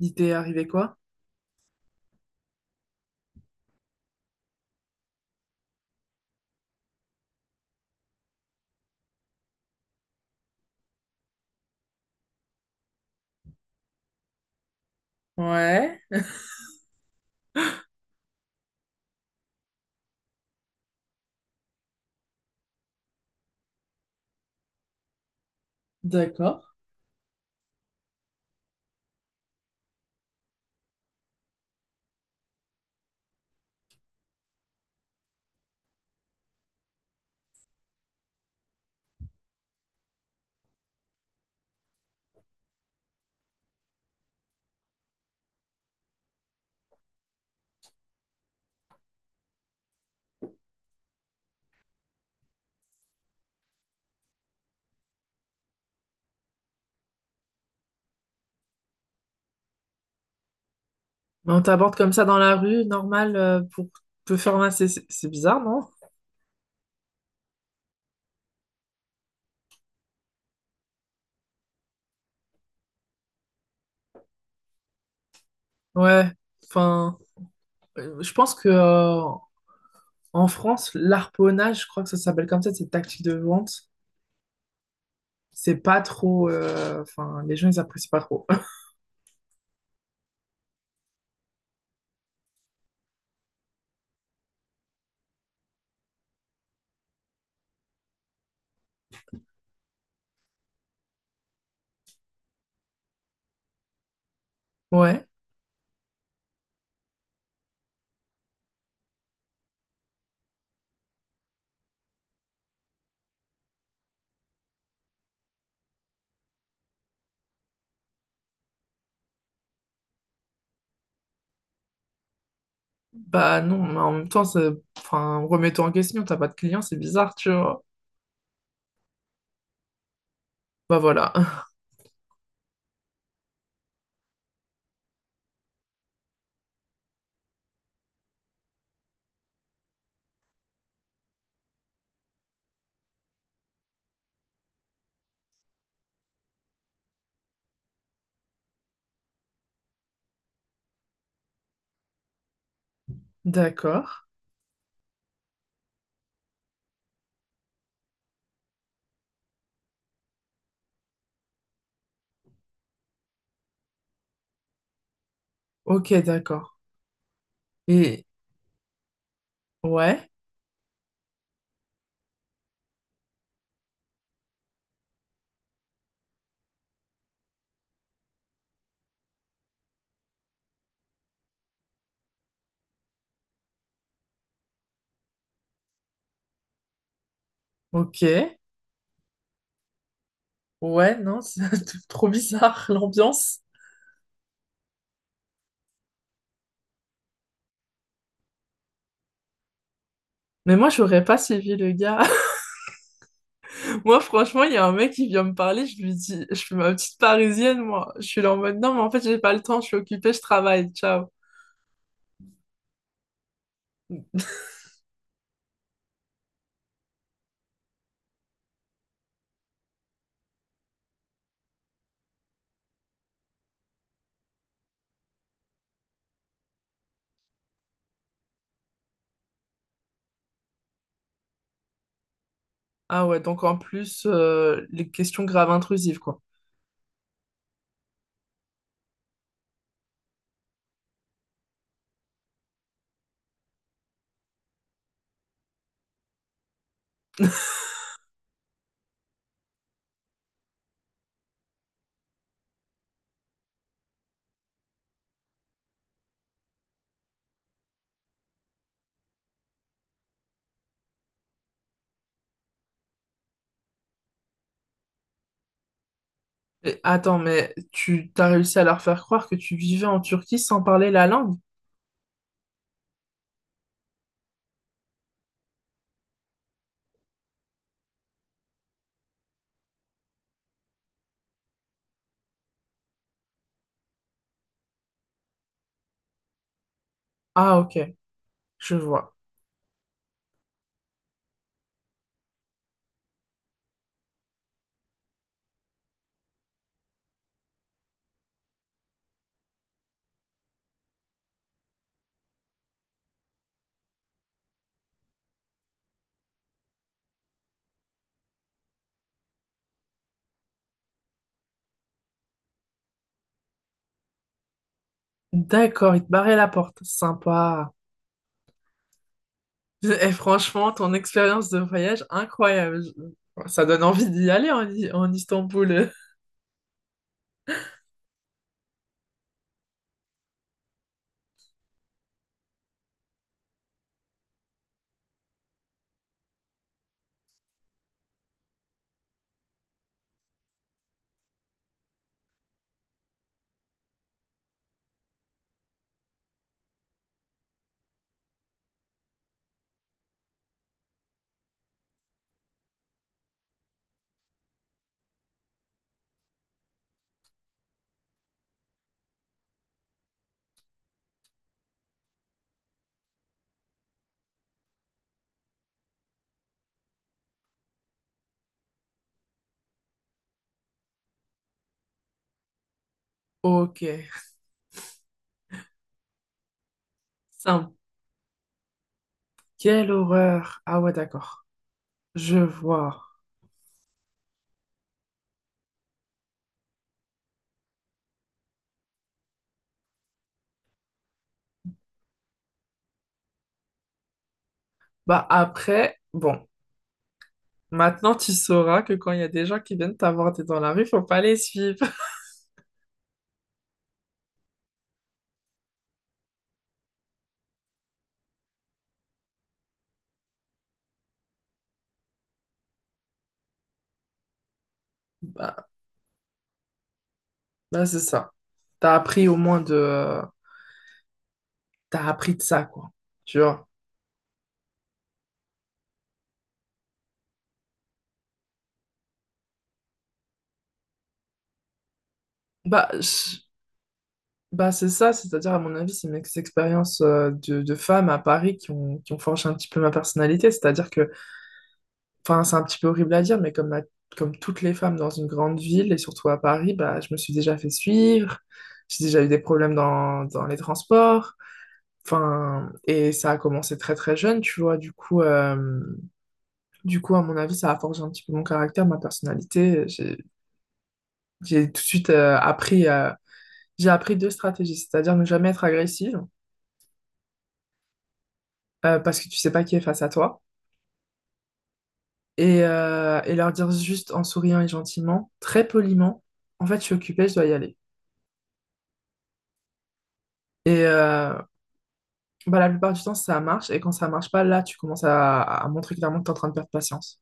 Il t'est arrivé quoi? Ouais, d'accord. Mais on t'aborde comme ça dans la rue, normal, pour te faire masser. C'est bizarre, non? Ouais. Enfin, je pense que en France, l'harponnage, je crois que ça s'appelle comme ça, cette tactique de vente, c'est pas trop. Enfin, les gens, ils apprécient pas trop. Ouais. Bah non, mais en même temps, ça- enfin, remets-toi en question, t'as pas de clients, c'est bizarre, tu vois. Bah voilà. D'accord. Ok, d'accord. Et ouais, ok. Ouais, non, c'est trop bizarre l'ambiance. Mais moi, j'aurais pas suivi le gars. Moi, franchement, il y a un mec qui vient me parler, je lui dis, je suis ma petite parisienne, moi. Je suis là en mode, non, mais en fait, j'ai pas le temps, je suis occupée, je travaille, ciao. Ah ouais, donc en plus, les questions graves intrusives, quoi. Et attends, mais tu t'as réussi à leur faire croire que tu vivais en Turquie sans parler la langue? Ah, ok, je vois. D'accord, il te barrait la porte. Sympa. Et franchement, ton expérience de voyage, incroyable. Je- Ça donne envie d'y aller en, I- en Istanbul. Ok. Simple. Quelle horreur. Ah ouais, d'accord. Je vois. Bah après, bon. Maintenant, tu sauras que quand il y a des gens qui viennent t'aborder dans la rue, faut pas les suivre. Bah, bah c'est ça. T'as appris au moins de... T'as appris de ça, quoi. Tu vois. Bah, je- bah, c'est ça. C'est-à-dire, à mon avis, c'est mes expériences de femmes à Paris qui ont forgé un petit peu ma personnalité. C'est-à-dire que enfin, c'est un petit peu horrible à dire, mais comme, la- comme toutes les femmes dans une grande ville, et surtout à Paris, bah, je me suis déjà fait suivre, j'ai déjà eu des problèmes dans, dans les transports. Enfin, et ça a commencé très très jeune, tu vois. Du coup, à mon avis, ça a forgé un petit peu mon caractère, ma personnalité. J'ai tout de suite appris, j'ai appris deux stratégies, c'est-à-dire ne jamais être agressive, parce que tu sais pas qui est face à toi, et leur dire juste en souriant et gentiment, très poliment, en fait, je suis occupée, je dois y aller. Et bah, la plupart du temps, ça marche. Et quand ça marche pas, là, tu commences à montrer clairement que tu es en train de perdre patience.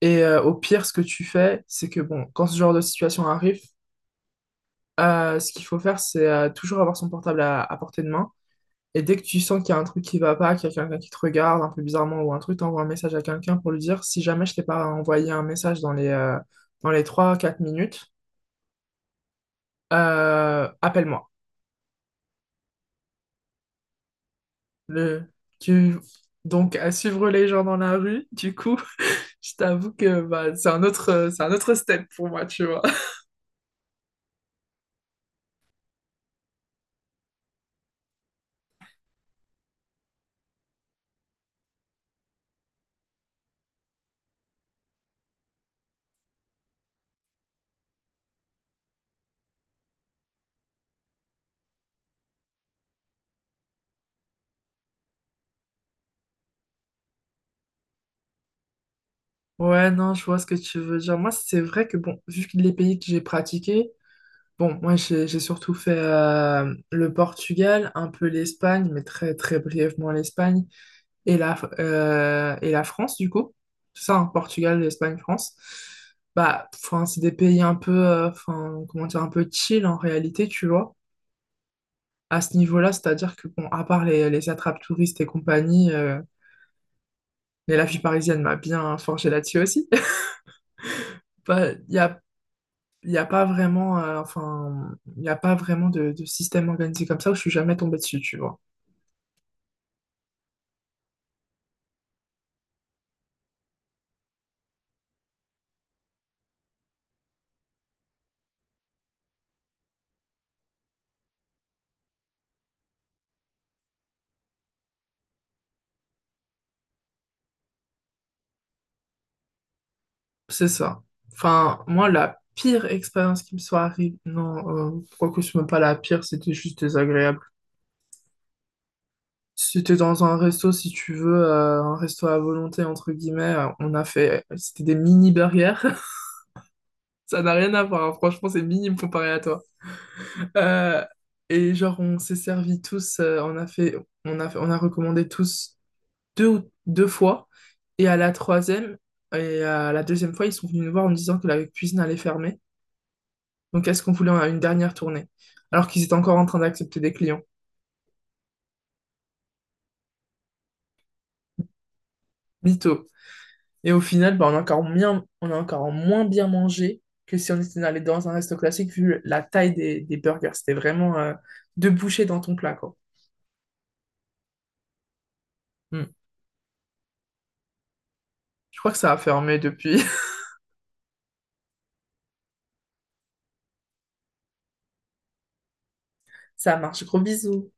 Et au pire, ce que tu fais, c'est que bon, quand ce genre de situation arrive, ce qu'il faut faire, c'est toujours avoir son portable à portée de main. Et dès que tu sens qu'il y a un truc qui va pas, qu'il y a quelqu'un qui te regarde un peu bizarrement ou un truc, t'envoies un message à quelqu'un pour lui dire si jamais je t'ai pas envoyé un message dans les trois quatre minutes, appelle-moi. Le... Tu... Donc, à suivre les gens dans la rue, du coup. Je t'avoue que bah, c'est un autre step pour moi, tu vois. Ouais, non, je vois ce que tu veux dire. Moi, c'est vrai que, bon, vu que les pays que j'ai pratiqués, bon, moi, j'ai surtout fait le Portugal, un peu l'Espagne, mais très, très brièvement l'Espagne, et la France, du coup. C'est ça, hein, Portugal, Espagne, France. Bah, enfin, c'est des pays un peu, enfin, comment dire, un peu chill en réalité, tu vois. À ce niveau-là, c'est-à-dire que, bon, à part les attrapes touristes et compagnie, mais la vie parisienne m'a bien forgé là-dessus aussi. Pas- il y a pas vraiment, enfin, il n'y a pas vraiment de système organisé comme ça où je suis jamais tombée dessus, tu vois. C'est ça. Enfin, moi, la pire expérience qui me soit arrivée, non, quoique ce n'est pas la pire, c'était juste désagréable. Si t'es dans un resto, si tu veux, un resto à volonté, entre guillemets, on a fait, c'était des mini burgers. Ça n'a rien à voir, hein. Franchement, c'est minime comparé à toi. Euh, et genre, on s'est servi tous, on a fait, on a recommandé tous deux, ou- deux fois. Et à la troisième, et à la deuxième fois, ils sont venus nous voir en nous disant que la cuisine allait fermer. Donc, est-ce qu'on voulait une dernière tournée? Alors qu'ils étaient encore en train d'accepter des clients. Mytho. Et au final, bah, on a encore moins bien mangé que si on était allé dans un resto classique, vu la taille des burgers. C'était vraiment deux bouchées dans ton plat, quoi. Hmm. Je crois que ça a fermé depuis. Ça marche. Gros bisous.